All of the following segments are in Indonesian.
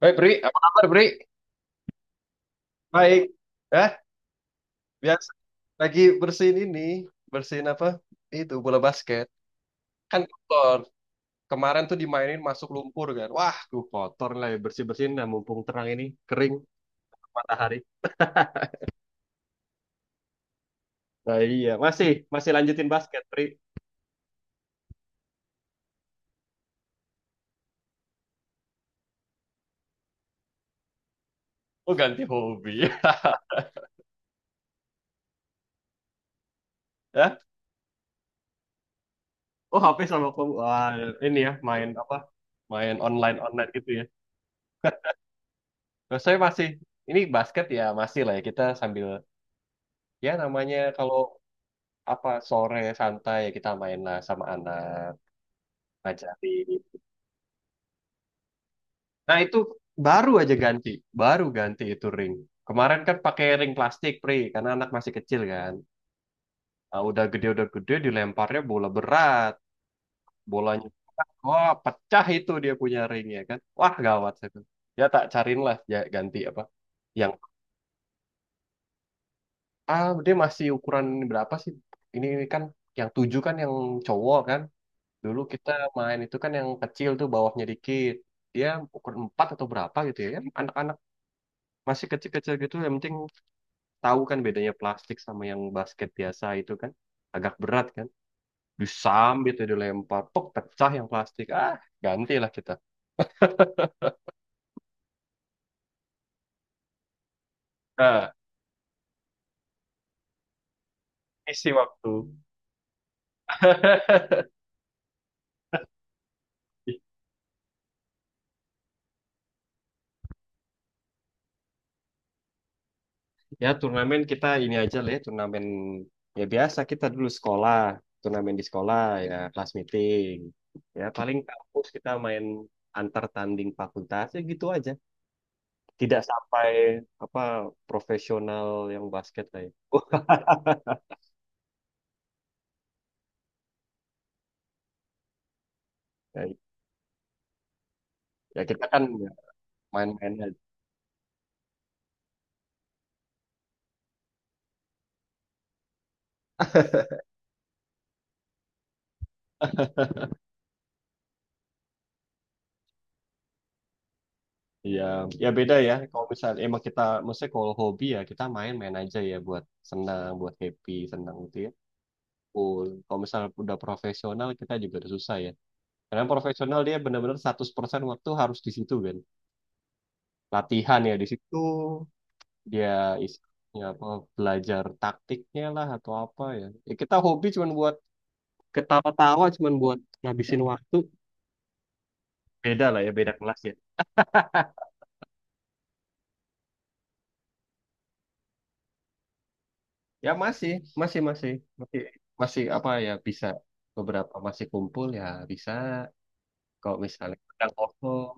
Baik, Bri, apa kabar, Bri? Baik, eh biasa, lagi bersihin ini, bersihin apa? Itu bola basket. Kan kotor. Kemarin tuh dimainin masuk lumpur kan. Wah, tuh kotor lah ya, bersih-bersihin, nah mumpung terang ini, kering matahari. Nah, iya, masih masih lanjutin basket, Bri. Oh, ganti hobi. Ya. Oh, HP sama kamu. Wah, ini ya main apa? Main online-online gitu ya. Nah, saya masih ini basket ya masih lah ya, kita sambil, ya namanya kalau apa, sore santai kita main lah sama anak, ngajarin. Nah itu baru aja ganti, baru ganti itu ring. Kemarin kan pakai ring plastik, Pri, karena anak masih kecil kan. Nah, udah gede, udah gede dilemparnya bola berat, bolanya berat. Wah, pecah itu dia punya ringnya kan. Wah gawat itu. Ya tak cariin lah ya ganti apa yang dia masih ukuran berapa sih? Ini kan yang tujuh kan, yang cowok kan. Dulu kita main itu kan yang kecil tuh bawahnya dikit. Dia ukur 4 atau berapa gitu ya. Kan anak-anak masih kecil-kecil gitu, yang penting tahu kan bedanya plastik sama yang basket biasa itu kan. Agak berat kan. Disambit tuh dilempar, pok pecah yang plastik. Ah, gantilah kita. Nah, isi waktu. Ya turnamen kita ini aja lah ya, turnamen ya biasa kita dulu sekolah, turnamen di sekolah ya, kelas meeting. Ya paling kampus kita main antar tanding fakultas ya gitu aja. Tidak sampai apa profesional yang basket lah ya. Ya, ya kita kan ya main-main aja. Ya, ya beda ya. Kalau misalnya emang kita, maksudnya kalau hobi ya kita main-main aja ya buat senang, buat happy, senang gitu ya. Cool. Kalau misalnya udah profesional kita juga udah susah ya. Karena profesional dia benar-benar 100% waktu harus di situ kan. Latihan ya di situ, dia is- ya apa belajar taktiknya lah atau apa ya. Ya kita hobi cuma buat ketawa-tawa, cuman buat ngabisin waktu, beda lah ya, beda kelas ya. Ya masih masih masih masih masih apa ya, bisa beberapa masih kumpul ya, bisa kalau misalnya kadang kosong.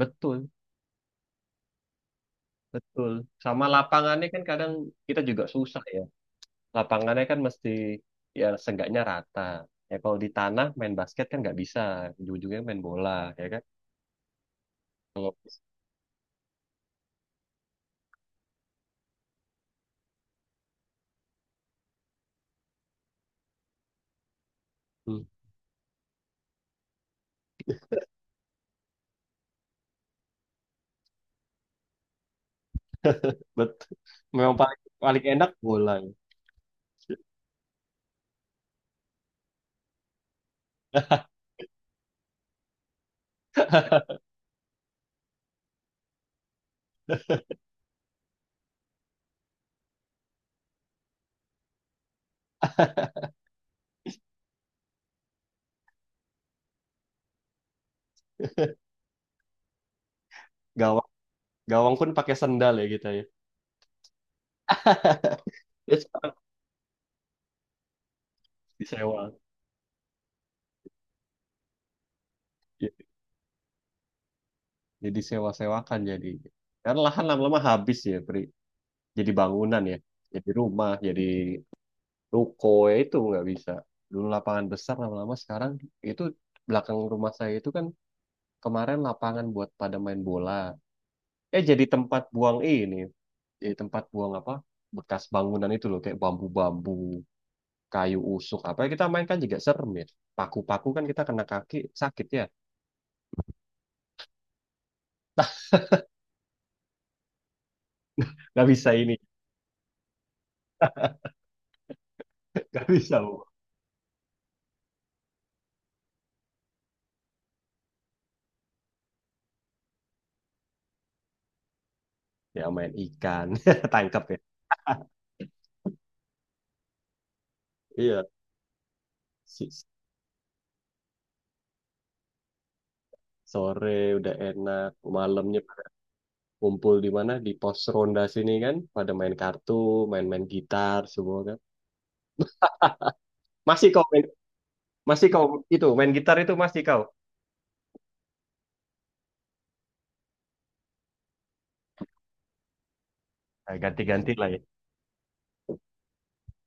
Betul, betul, sama lapangannya kan kadang kita juga susah ya, lapangannya kan mesti ya seenggaknya rata, ya kalau di tanah main basket kan nggak bisa, ujung-ujungnya main bola, ya kan kalau. Hmm. Betul, memang paling paling enak bola ya. Gawang, gawang pun pakai sendal ya kita ya. Ya, sekarang disewa. Ya, jadi sewa-sewakan jadi. Karena lahan lama-lama habis ya, Pri. Jadi bangunan ya. Jadi rumah, jadi ruko ya, itu nggak bisa. Dulu lapangan besar lama-lama sekarang itu belakang rumah saya itu kan kemarin lapangan buat pada main bola. Eh jadi tempat buang ini. Jadi tempat buang apa? Bekas bangunan itu loh kayak bambu-bambu, kayu usuk apa ya, kita main kan juga serem ya. Paku-paku kan kita kena kaki, sakit ya. Gak bisa ini. Gak bisa, Bu. Ya main ikan, tangkap ya, iya, si- sore udah enak, malamnya pada kumpul di mana, di pos ronda sini kan pada main kartu, main-main gitar semua kan. Masih kau main, masih kau, itu main gitar itu masih kau? Nah, ganti-ganti lah ya.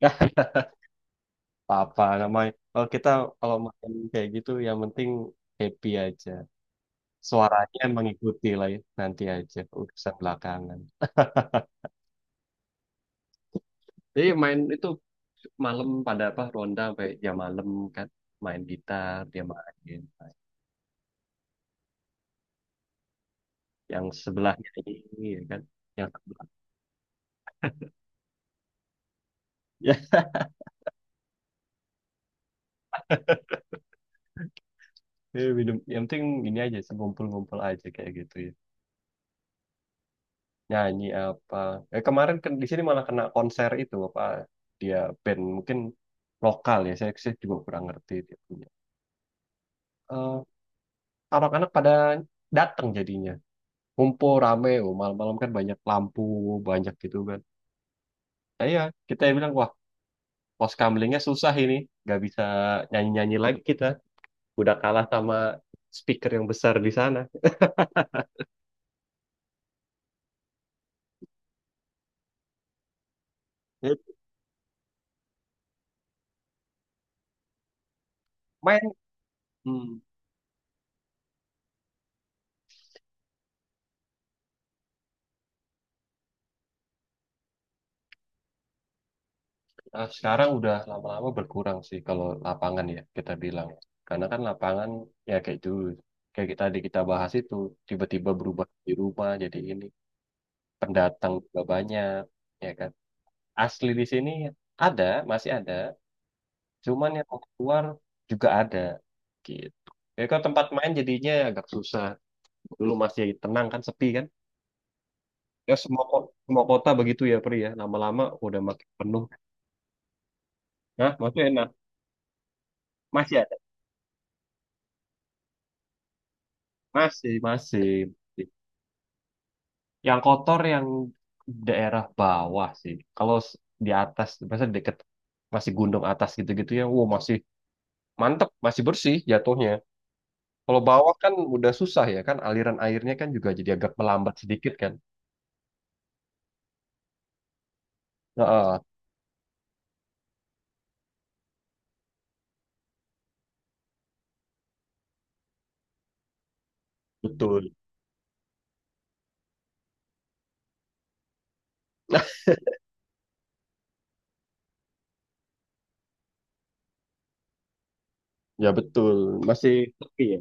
Apa namanya, kalau kita kalau main kayak gitu yang penting happy aja, suaranya mengikuti lah ya, nanti aja urusan belakangan. Jadi main itu malam pada apa ronda sampai jam malam kan, main gitar dia main, yang sebelahnya ini ya kan, yang sebelah. Ya, ya, minum, yang penting ini aja sih, ngumpul-ngumpul aja kayak gitu ya, nyanyi apa. Kemarin kan di sini malah kena konser itu apa, dia band mungkin lokal ya, saya juga kurang ngerti dia punya. Eh, Anak-anak pada datang jadinya, ngumpul rame, oh malam-malam kan banyak lampu, banyak gitu kan. Nah, iya, kita bilang wah, Pos Poskamlingnya susah ini, nggak bisa nyanyi-nyanyi lagi kita. Udah kalah sama speaker yang besar di sana. Ya, main, hmm, nah sekarang udah lama-lama berkurang sih kalau lapangan ya kita bilang. Karena kan lapangan ya kayak dulu, kayak kita tadi kita bahas itu tiba-tiba berubah di rumah jadi ini, pendatang juga banyak, ya kan. Asli di sini ada, masih ada, cuman yang keluar juga ada, gitu. Ya kalau tempat main jadinya agak susah. Dulu masih tenang kan, sepi kan, ya semua ko- semua kota begitu ya Pri ya, lama-lama udah makin penuh. Nah maksudnya enak, masih ada, masih, masih yang kotor, yang daerah bawah sih kalau s- di atas biasanya deket masih gunung atas gitu-gitu ya, wow masih mantep, masih bersih jatuhnya. Kalau bawah kan udah susah ya kan, aliran airnya kan juga jadi agak melambat sedikit kan. Heeh, betul. Ya betul, masih sepi ya.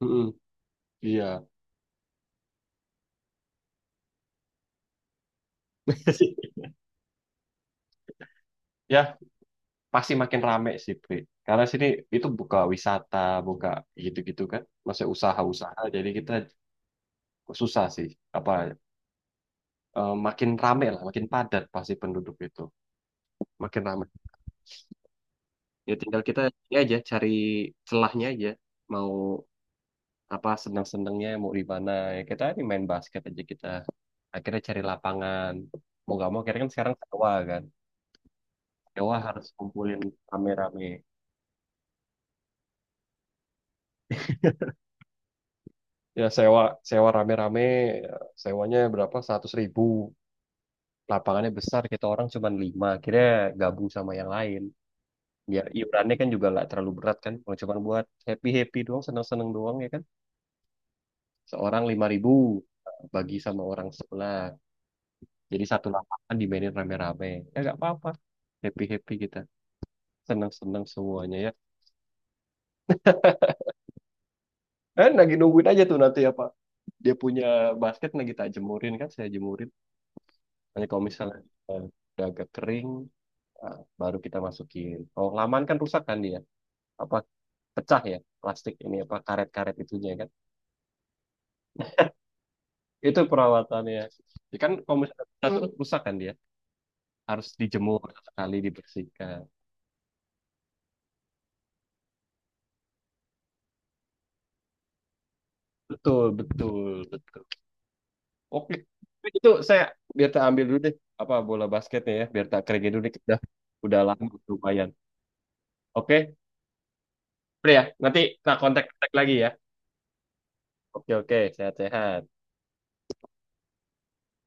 Mm-mm, iya. Ya pasti makin rame sih, Pri. Karena sini itu buka wisata, buka gitu-gitu kan. Masih usaha-usaha, jadi kita susah sih. Apa, makin rame lah, makin padat pasti penduduk itu. Makin rame. Ya tinggal kita ini aja cari celahnya aja. Mau apa senang-senangnya mau di mana, ya kita ini main basket aja kita akhirnya cari lapangan, mau gak mau akhirnya kan sekarang sewa kan, sewa harus kumpulin rame-rame. Ya sewa, sewa rame-rame, sewanya berapa seratus ribu, lapangannya besar, kita orang cuma lima, akhirnya gabung sama yang lain biar iurannya kan juga nggak terlalu berat kan, kalau cuma buat happy happy doang, seneng seneng doang ya kan, seorang lima ribu, bagi sama orang sebelah, jadi satu lapangan dimainin rame-rame. Ya nggak apa-apa, happy happy kita, seneng seneng semuanya ya. Lagi nungguin aja tuh, nanti apa dia punya basket lagi tak jemurin kan, saya jemurin, nanti kalau misalnya eh, udah agak kering, ah baru kita masukin kalau laman kan rusak kan dia, apa pecah ya, plastik ini apa karet-karet itunya kan. Itu perawatannya, ya kan kalau misalnya pecah tuh rusak kan dia, harus dijemur sekali dibersihkan. Betul, betul, betul, oke. Itu saya biar tak ambil dulu deh apa bola basketnya ya, biar tak keringin dulu nih, udah lama lumayan. Oke Pri ya, nanti tak kontak kontak lagi ya. Oke oke, sehat-sehat.